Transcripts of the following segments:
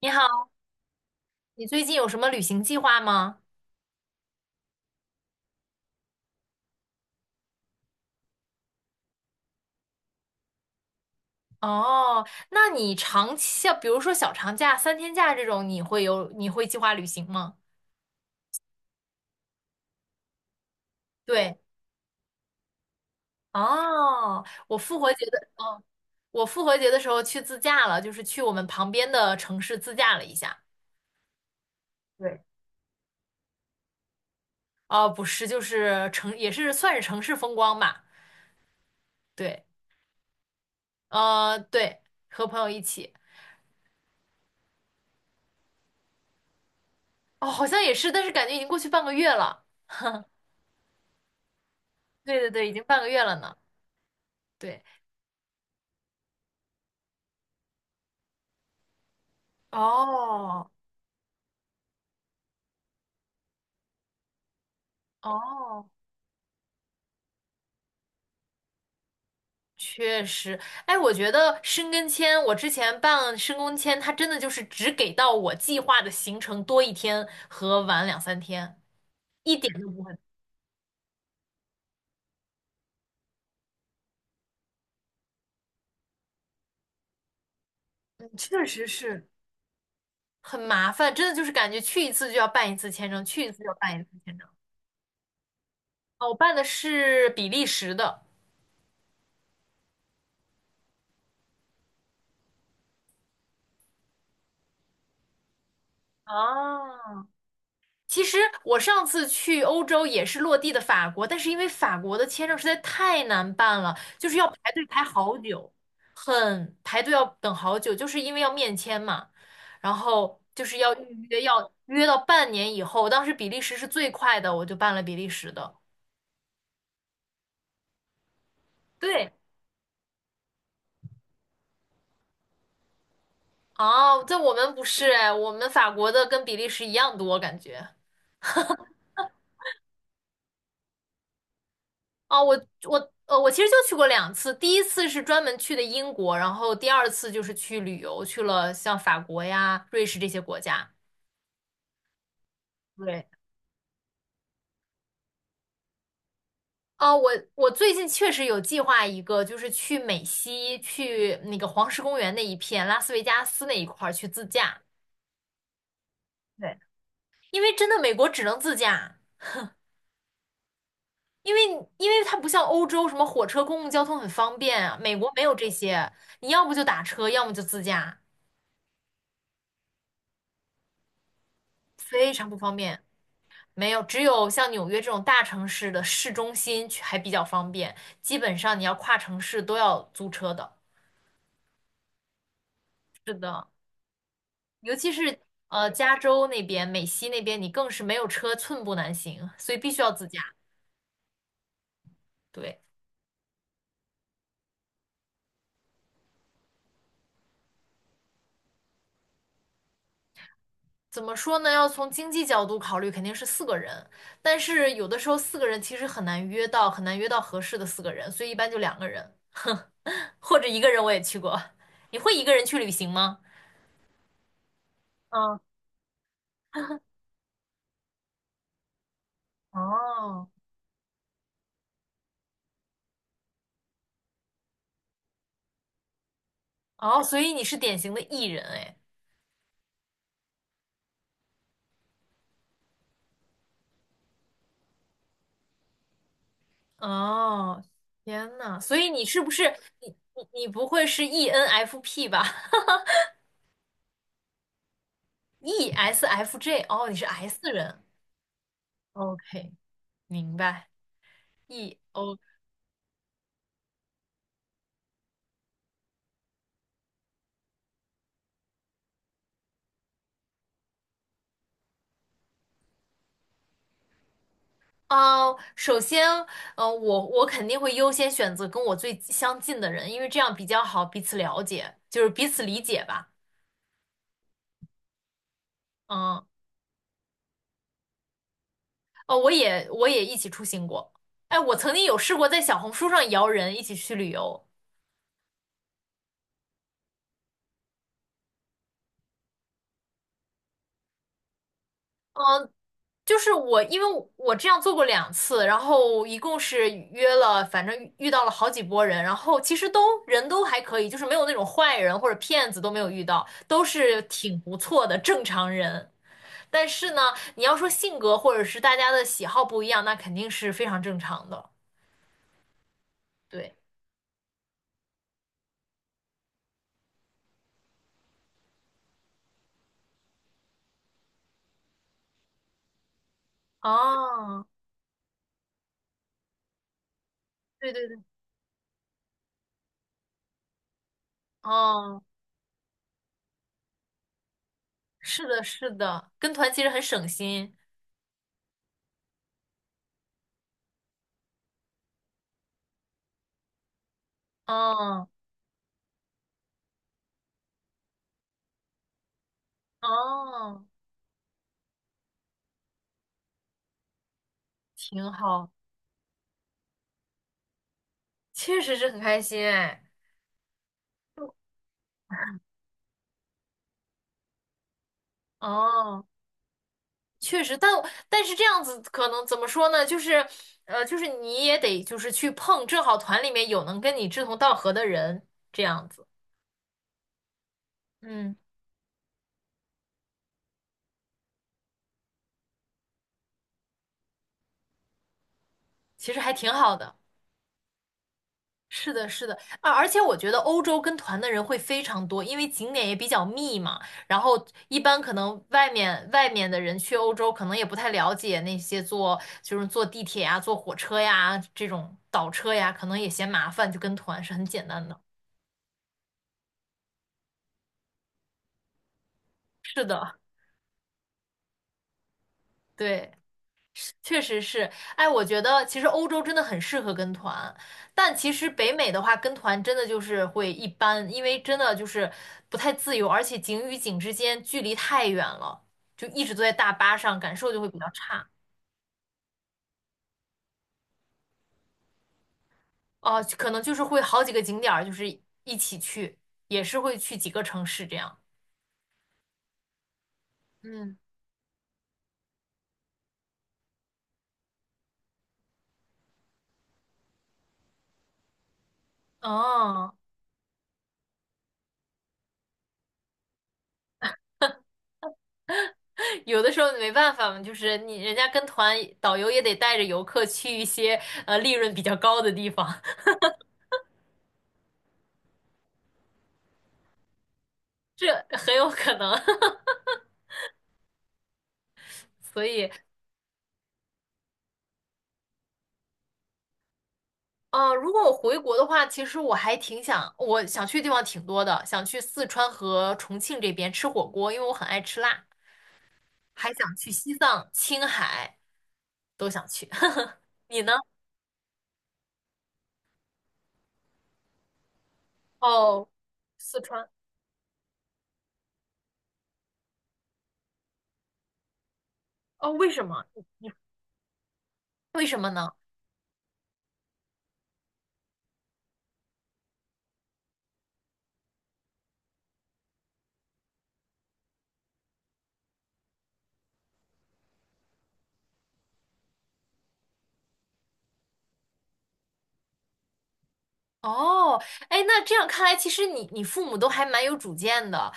你好，你最近有什么旅行计划吗？哦，那你长期，像比如说小长假、三天假这种，你会计划旅行吗？对，哦，我复活节的，我复活节的时候去自驾了，就是去我们旁边的城市自驾了一下。对，哦，不是，就是城，也是算是城市风光吧。对，对，和朋友一起。哦，好像也是，但是感觉已经过去半个月了。对对对，已经半个月了呢。对，哦，哦。确实，哎，我觉得申根签，我之前办申根签，它真的就是只给到我计划的行程多一天和晚两三天，一点都不会。嗯，确实是很麻烦，真的就是感觉去一次就要办一次签证，去一次就要办一次签证。哦，我办的是比利时的。啊，其实我上次去欧洲也是落地的法国，但是因为法国的签证实在太难办了，就是要排队排好久，很排队要等好久，就是因为要面签嘛，然后就是要预约，要约到半年以后。当时比利时是最快的，我就办了比利时的。对，哦，在我们不是哎，我们法国的跟比利时一样多，感觉。哦，我其实就去过两次，第一次是专门去的英国，然后第二次就是去旅游，去了像法国呀、瑞士这些国家。对，哦，我最近确实有计划一个，就是去美西，去那个黄石公园那一片，拉斯维加斯那一块儿去自驾，对，因为真的美国只能自驾，因为因为它不像欧洲什么火车、公共交通很方便啊，美国没有这些，你要不就打车，要么就自驾，非常不方便。没有，只有像纽约这种大城市的市中心去还比较方便，基本上你要跨城市都要租车的。是的，尤其是加州那边、美西那边，你更是没有车寸步难行，所以必须要自驾。对，怎么说呢？要从经济角度考虑，肯定是四个人，但是有的时候四个人其实很难约到，很难约到合适的四个人，所以一般就两个人，或者一个人我也去过。你会一个人去旅行吗？嗯，哦，哦，所以你是典型的 E 人哎。哦，天呐，所以你是不是你你不会是 ENFP 吧？ESFJ，哦，你是 S 人。OK，明白。E O 哦，首先，我肯定会优先选择跟我最相近的人，因为这样比较好彼此了解，就是彼此理解吧。嗯，哦，我也一起出行过。哎，我曾经有试过在小红书上摇人一起去旅游，就是我，因为我这样做过两次，然后一共是约了，反正遇到了好几波人，然后其实人还可以，就是没有那种坏人或者骗子都没有遇到，都是挺不错的正常人。但是呢，你要说性格或者是大家的喜好不一样，那肯定是非常正常的。对，哦，对对对，哦，是的，是的，跟团其实很省心。哦，哦，挺好，确实是很开心哎。哦。确实，但但是这样子可能怎么说呢？就是，就是你也得就是去碰，正好团里面有能跟你志同道合的人，这样子，嗯，其实还挺好的。是的，是的，啊，而且我觉得欧洲跟团的人会非常多，因为景点也比较密嘛。然后一般可能外面的人去欧洲，可能也不太了解那些坐就是坐地铁呀、坐火车呀这种倒车呀，可能也嫌麻烦，就跟团是很简单的。是的，对。确实是，哎，我觉得其实欧洲真的很适合跟团，但其实北美的话，跟团真的就是会一般，因为真的就是不太自由，而且景与景之间距离太远了，就一直坐在大巴上，感受就会比较差。哦、可能就是会好几个景点儿，就是一起去，也是会去几个城市这样。嗯，哦，有的时候没办法嘛，就是你人家跟团，导游也得带着游客去一些利润比较高的地方，这很有可能。所以，呃，如果我回国的话，其实我还挺想，我想去的地方挺多的，想去四川和重庆这边吃火锅，因为我很爱吃辣，还想去西藏、青海，都想去。你呢？哦，四川，哦，为什么？你为什么呢？哦，哎，那这样看来，其实你父母都还蛮有主见的。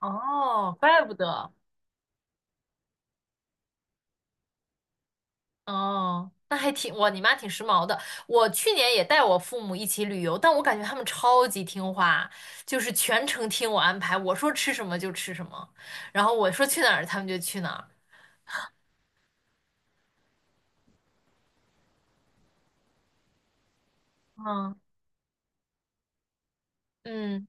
哦，怪不得。哦，那还挺，哇，你妈挺时髦的。我去年也带我父母一起旅游，但我感觉他们超级听话，就是全程听我安排，我说吃什么就吃什么，然后我说去哪儿他们就去哪儿。嗯嗯，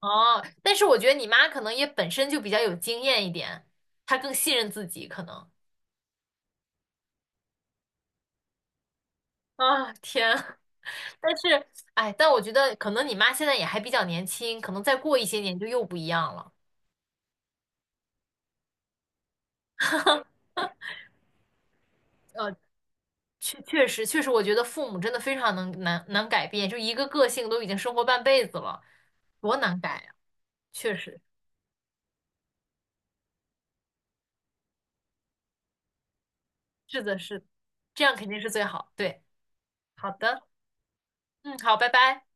哦，但是我觉得你妈可能也本身就比较有经验一点，她更信任自己可能。啊，天啊！但是，哎，但我觉得可能你妈现在也还比较年轻，可能再过一些年就又不一样了。呃，确确实确实，我觉得父母真的非常难改变，就一个个性都已经生活半辈子了，多难改呀！确实，是的，是的这样肯定是最好。对，好的，嗯，好，拜拜。